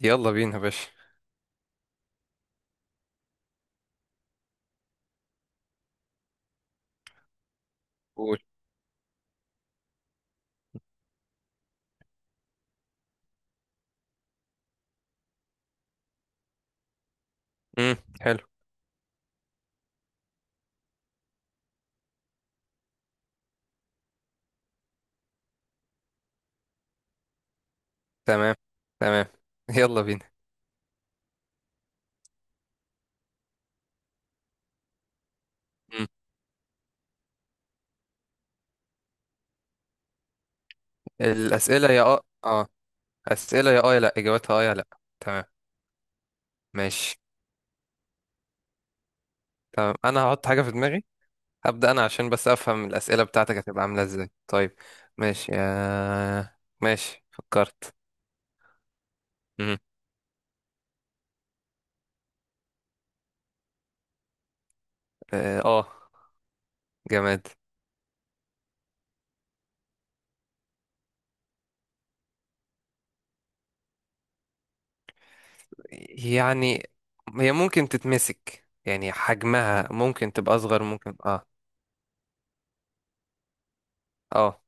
يلا بينا يا باشا. قول. امم. حلو. تمام، تمام. يلا بينا. امم. الأسئلة يا اه، أسئلة يا اه يا لا، إجابتها اه يا لا. تمام. ماشي. تمام. أنا هحط حاجة في دماغي. هبدأ أنا عشان بس أفهم الأسئلة بتاعتك هتبقى عاملة إزاي. طيب، ماشي. آه. ماشي، فكرت. امم. اه. آه، جماد. يعني هي ممكن تتمسك، يعني حجمها ممكن تبقى أصغر، ممكن. اه. اه.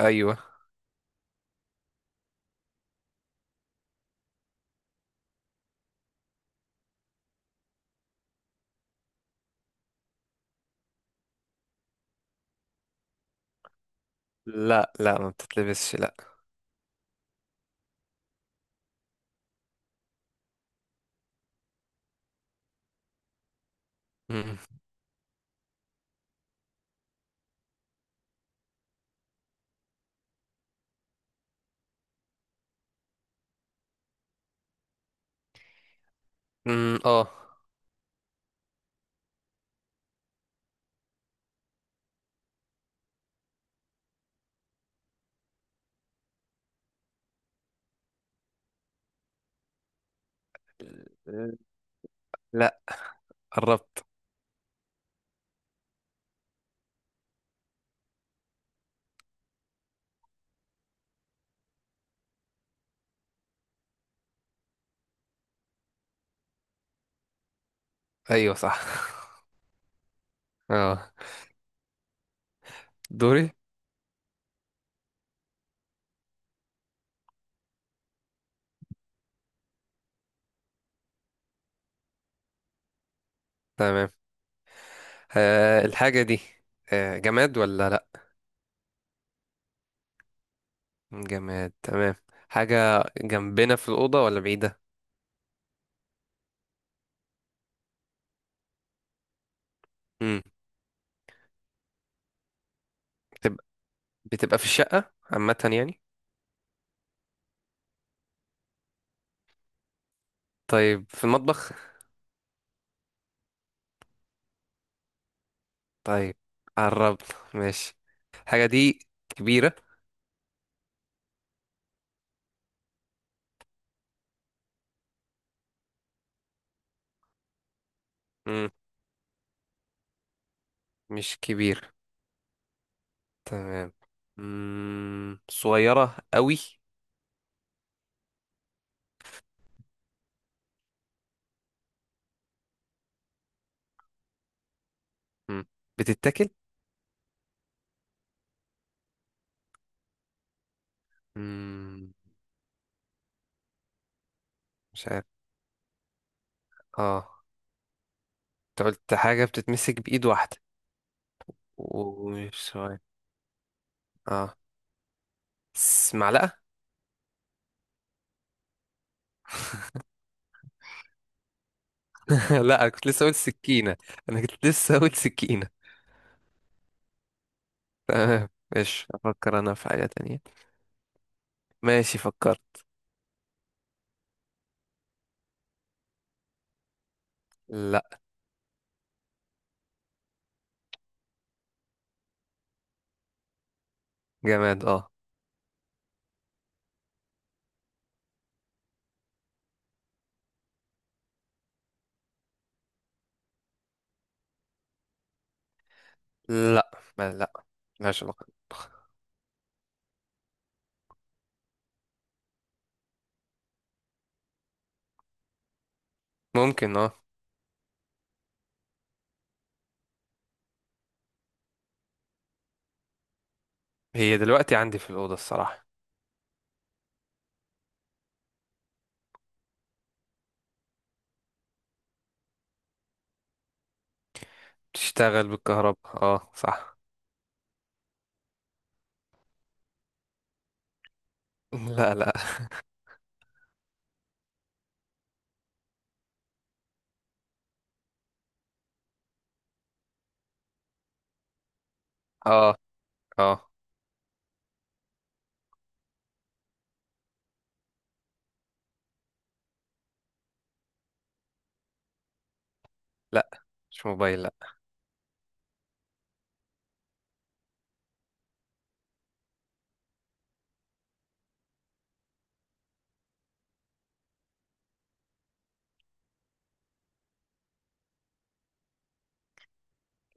أيوه. لا، لا ما بتتلبسش، لا. امم. اه. لا، قربت. ايوه، صح. اه. دوري. تمام. آه، الحاجة دي. آه، جماد ولا لا؟ جماد. تمام. حاجة جنبنا في الأوضة ولا بعيدة؟ امم. بتبقى بتبقى في الشقة عامة يعني؟ طيب، في المطبخ. طيب. قربت. ماشي. الحاجة دي كبيرة؟ امم. مش كبيرة. تمام. امم. صغيرة قوي؟ امم. بتتاكل؟ امم. مش عارف. اه. انت قلت حاجة بتتمسك بإيد واحدة، ومش سؤال. اه. معلقة؟ لا، انا كنت لسه اقول سكينة. انا كنت لسه اقول سكينة. تمام. ماشي، افكر انا في حاجة تانية. ماشي، فكرت. لا. جماد، اه. لا. ما لا، ملهاش علاقة. ممكن، اه. هي دلوقتي عندي في الأوضة الصراحة. بتشتغل بالكهرباء، اه صح. لا، لا. اه. اه. لا، مش موبايل، لا.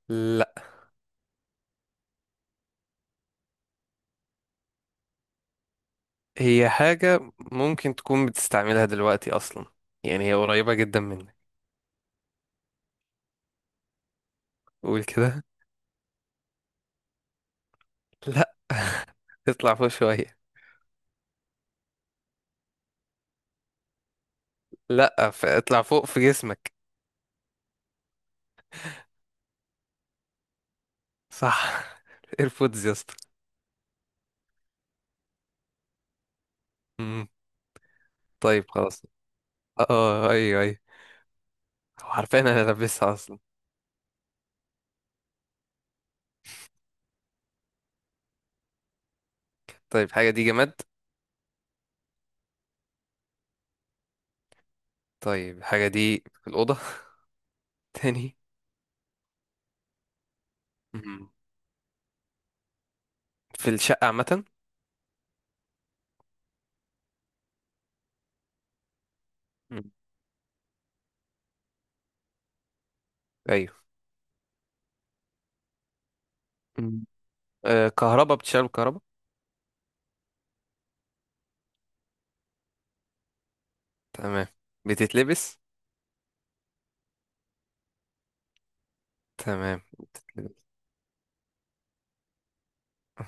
لا. هي حاجة ممكن تكون بتستعملها دلوقتي أصلا، يعني هي قريبة جدا منك. قول كده. لا، اطلع فوق شوية. لا، اطلع فوق في جسمك. صح. ايربودز يا اسطى. مم. طيب خلاص. اه. آه، ايوه، ايوه. هو عارفين انا لابسها اصلا. طيب، حاجة دي جماد. طيب، الحاجة دي في الأوضة؟ تاني. مم. في الشقة عامة. مم. ايوه. مم. آه كهربا، بتشتغل بالكهرباء. تمام. بتتلبس؟ تمام، بتتلبس.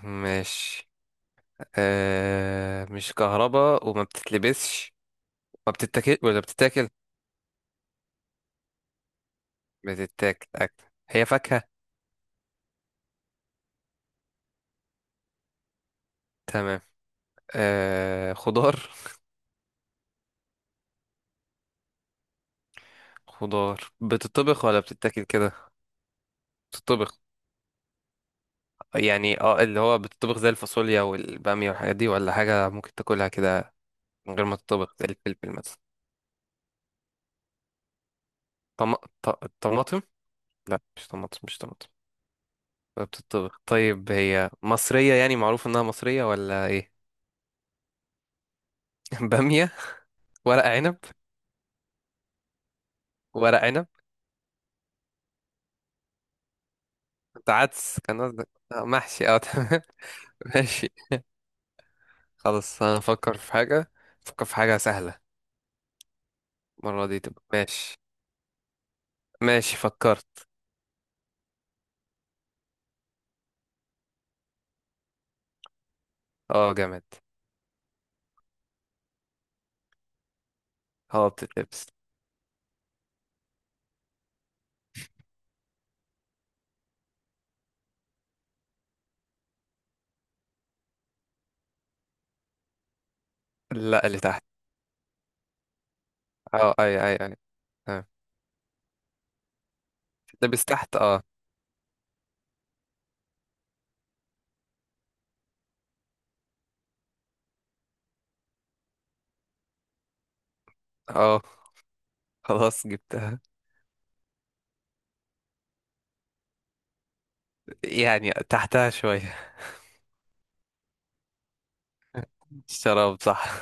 ماشي. آه، مش كهربا وما بتتلبسش. ما بتتاكل ولا بتتاكل؟ بتتاكل. هي فاكهة؟ تمام. آه، خضار. خضار بتطبخ ولا بتتاكل كده؟ بتطبخ. يعني اه، اللي هو بتطبخ زي الفاصوليا والبامية والحاجات دي، ولا حاجة ممكن تاكلها كده من غير ما تطبخ زي الفلفل مثلا؟ طم... ط... طماطم. لا، مش طماطم، مش طماطم. ولا بتطبخ؟ طيب هي مصرية، يعني معروف انها مصرية ولا ايه؟ بامية؟ ورق عنب. ورق عنب. انت عدس كان قصدك؟ آه، محشي، اه تمام. ماشي. خلاص، انا افكر في حاجة. افكر في حاجة سهلة المرة دي تبقى. ماشي. ماشي، فكرت. اه، جامد. اه، بتتلبس. لا، اللي تحت. اه، اي اي اي. اه، بتتلبس تحت، اه. اه. خلاص جبتها. يعني تحتها شوية. الشراب، صح.